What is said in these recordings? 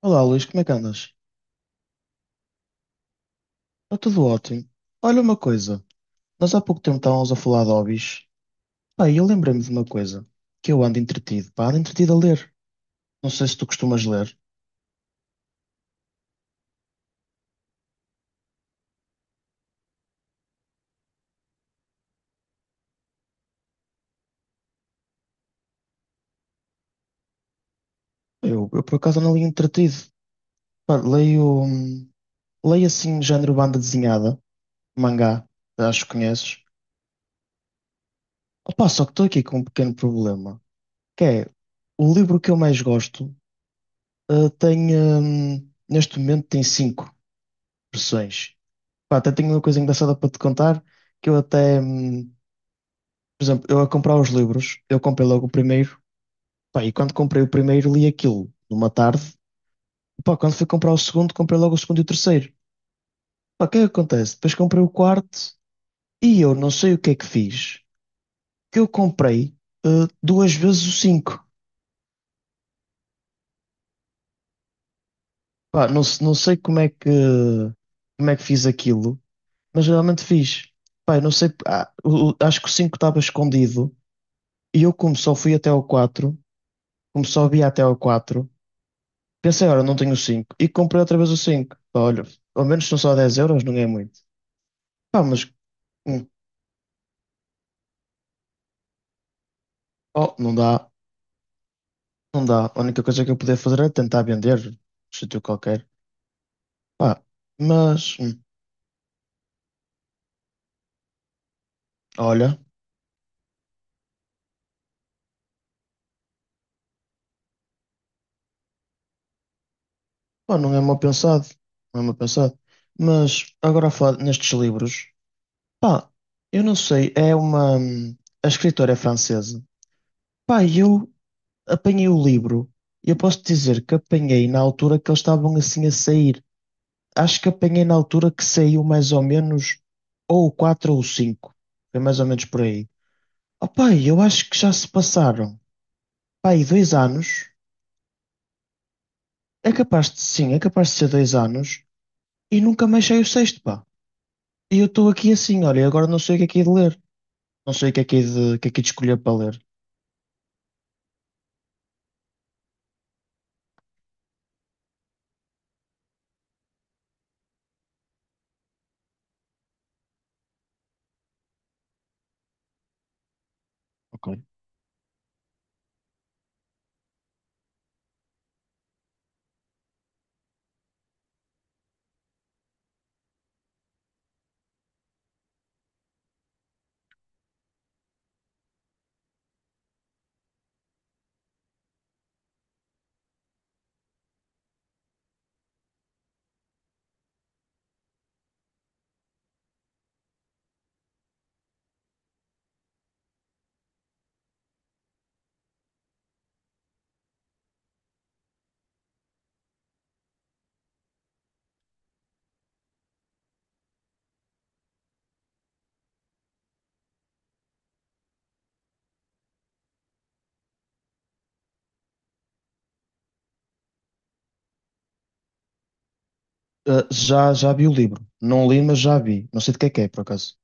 Olá, Luís, como é que andas? Está tudo ótimo. Olha uma coisa, nós há pouco tempo estávamos a falar de hobbies. Pá, e eu lembrei-me de uma coisa, que eu ando entretido, pá, ando entretido a ler. Não sei se tu costumas ler. Eu por acaso não leio entretido. Pá, leio, leio assim, género banda desenhada, mangá, acho que conheces. Opá, só que estou aqui com um pequeno problema, que é, o livro que eu mais gosto, tem, neste momento tem cinco versões. Pá, até tenho uma coisa engraçada para te contar, que eu até, por exemplo, eu a comprar os livros, eu comprei logo o primeiro, pá, e quando comprei o primeiro li aquilo numa tarde, pá, quando fui comprar o segundo, comprei logo o segundo e o terceiro. Pá, o que é que acontece? Depois comprei o quarto e eu não sei o que é que fiz, que eu comprei eh, duas vezes o cinco. Pá, não, não sei como é que fiz aquilo, mas realmente fiz. Pá, eu não sei, acho que o cinco estava escondido e eu como só havia até ao 4, pensei, ora, não tenho o 5 e comprei outra vez o 5. Pá, olha, ao menos são só 10 euros, não é muito. Pá, mas, hum, oh, não dá, não dá. A única coisa que eu podia fazer é tentar vender, num sítio qualquer. Pá, mas, olha, pá, não é mal pensado, não é mal pensado. Mas, agora a falar nestes livros, pá, eu não sei, a escritora é francesa. Pá, e eu apanhei o livro, e eu posso dizer que apanhei na altura que eles estavam assim a sair. Acho que apanhei na altura que saiu mais ou menos ou o 4 ou o 5. Foi mais ou menos por aí. Opa, eu acho que já se passaram, pá, aí 2 anos. É capaz de, sim, é capaz de ser 2 anos. E nunca mais saiu o sexto, pá. E eu estou aqui assim, olha, e agora não sei o que é de ler. Não sei o que é de, o que é de escolher para ler. Ok. Ah, já vi o livro. Não li, mas já vi. Não sei de que é, por acaso.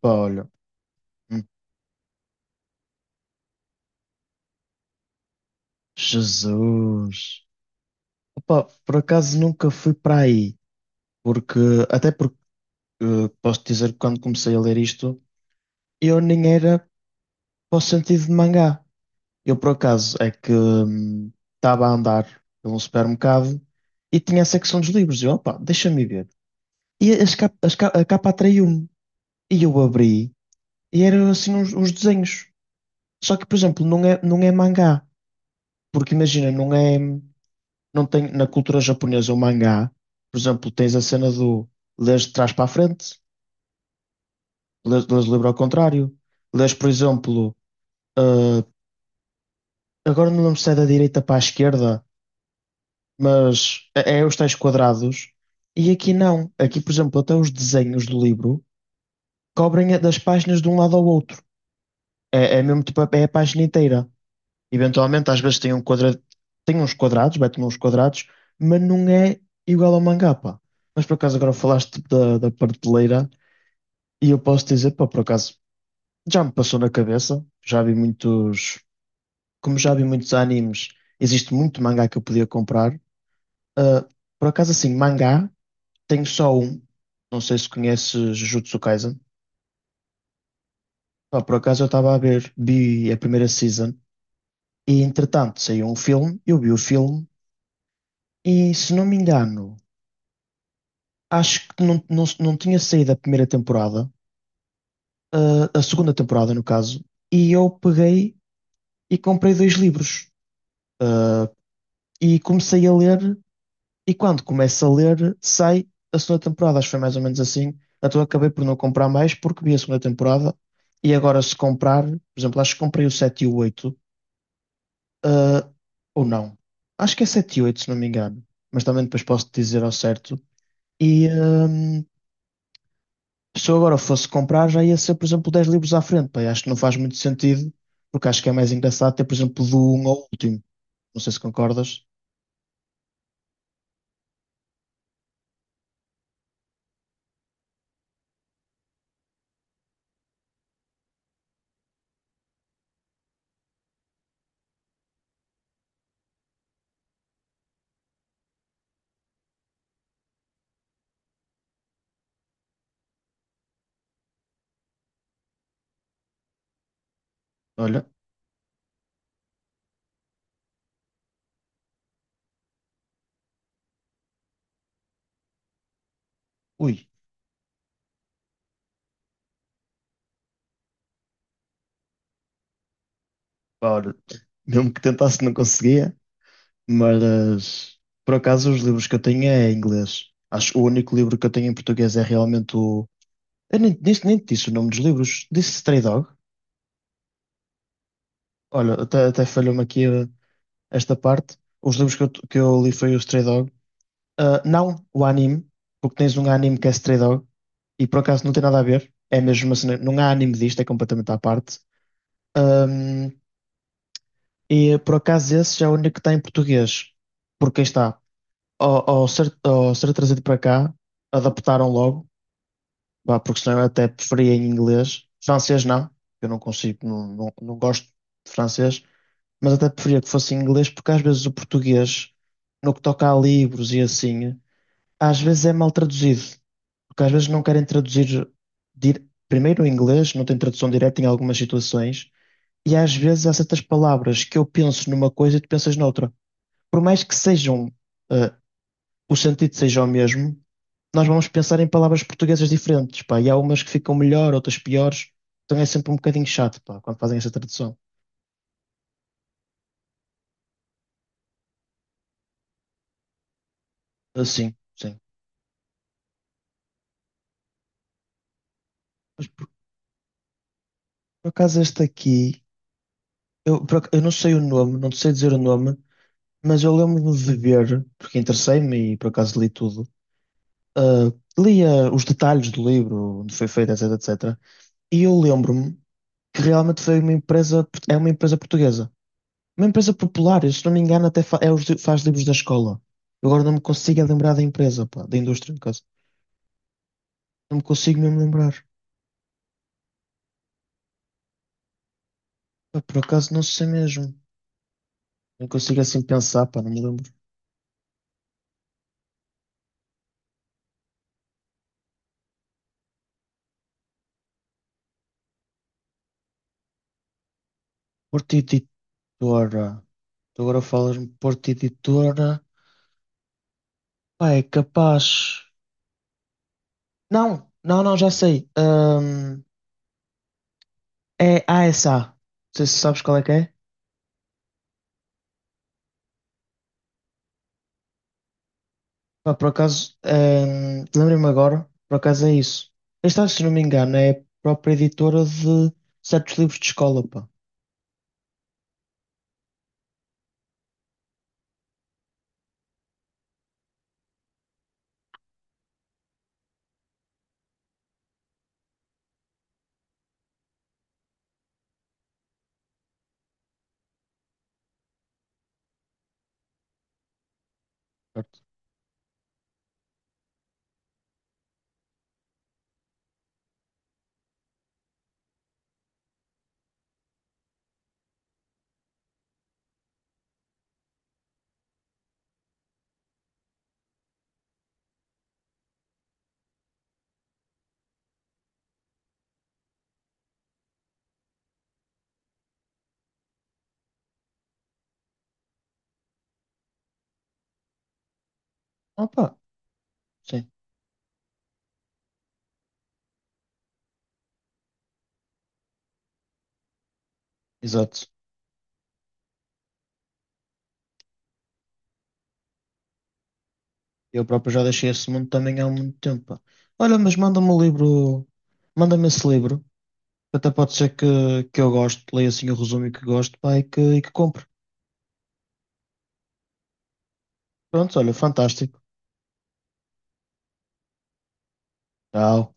Pá, olha. Hum, Jesus. Opa, por acaso nunca fui para aí. Porque, até porque posso dizer que quando comecei a ler isto, eu nem era para o sentido de mangá. Eu, por acaso, é que estava a andar por um supermercado e tinha a secção dos livros. Eu, opa, deixa-me ver. E as cap- as ca- a capa atraiu-me. E eu abri e eram assim uns desenhos. Só que, por exemplo, não é mangá. Porque imagina, não é. Não tem, na cultura japonesa, o mangá, por exemplo, tens a cena do lês de trás para a frente, lês o livro ao contrário, lês, por exemplo eh, agora não lembro se é da direita para a esquerda, mas é os tais quadrados. E aqui não. Aqui, por exemplo, até os desenhos do livro cobrem das páginas de um lado ao outro. É mesmo tipo, é a página inteira. Eventualmente, às vezes tem uns quadrados, mete uns quadrados, mas não é igual ao mangá, pá. Mas por acaso agora falaste tipo, da prateleira e eu posso dizer, pá, por acaso já me passou na cabeça. Como já vi muitos animes, existe muito mangá que eu podia comprar. Ah, por acaso, assim, mangá, tenho só um. Não sei se conheces Jujutsu Kaisen. Pá, por acaso eu vi a primeira season e entretanto saiu um filme, eu vi o filme e se não me engano, acho que não, tinha saído a primeira temporada, a segunda temporada no caso, e eu peguei e comprei dois livros e comecei a ler. E quando começo a ler, sai a segunda temporada. Acho que foi mais ou menos assim. Então acabei por não comprar mais porque vi a segunda temporada. E agora, se comprar, por exemplo, acho que comprei o 7 e o 8 ah, ou não. Acho que é 7 e 8, se não me engano. Mas também depois posso te dizer ao certo. E se eu agora fosse comprar, já ia ser, por exemplo, 10 livros à frente. Pá, e acho que não faz muito sentido, porque acho que é mais engraçado ter, por exemplo, do um ao último. Não sei se concordas. Olha, ui, pá, olha, mesmo que tentasse, não conseguia. Mas, por acaso, os livros que eu tenho é em inglês. Acho que o único livro que eu tenho em português é realmente o. Eu nem te disse o nome dos livros. Disse Stray Dog. Olha, até falhou-me aqui esta parte. Os livros que eu li foi o Stray Dog. Ah, não o anime, porque tens um anime que é Stray Dog e por acaso não tem nada a ver. É mesmo assim, não há anime disto, é completamente à parte. Hum, e por acaso esse já é o único que está em português. Porque aí está, ao ser trazido para cá, adaptaram logo, pá, porque senão eu até preferia em inglês. Francês não, eu não consigo, não gosto de francês, mas até preferia que fosse em inglês, porque às vezes o português, no que toca a livros e assim, às vezes é mal traduzido, porque às vezes não querem traduzir primeiro em inglês, não tem tradução direta em algumas situações, e às vezes há certas palavras que eu penso numa coisa e tu pensas noutra. Por mais que sejam, eh, o sentido seja o mesmo, nós vamos pensar em palavras portuguesas diferentes, pá, e há umas que ficam melhor, outras piores, então é sempre um bocadinho chato, pá, quando fazem esta tradução. Ah, sim, sim. Por acaso este aqui, eu não sei o nome, não te sei dizer o nome, mas eu lembro-me de ver, porque interessei-me e por acaso li tudo, ah, li os detalhes do livro, onde foi feito, etc, etc, e eu lembro-me que realmente foi uma empresa, é uma empresa portuguesa. Uma empresa popular, se não me engano, até faz livros da escola. Eu agora não me consigo é lembrar da empresa, pá, da indústria, no caso. Não me consigo mesmo lembrar. Pá, por acaso não sei mesmo. Não consigo assim pensar, pá, não me lembro. Porta Editora. Tu agora falas-me Porta Editora. Pá, é capaz. Não, não, não, já sei. É ASA. Não sei se sabes qual é que é. Pá, por acaso, lembrei-me agora, por acaso é isso. Esta, se não me engano, é a própria editora de certos livros de escola, pá. Certo? Ah, pá, sim, exato. Eu próprio já deixei esse mundo também há muito tempo, pá. Olha, mas manda-me o livro, manda-me esse livro, que até pode ser que eu, goste, leia assim o resumo e que gosto, pá, e e que compre. Pronto, olha, fantástico. Tchau.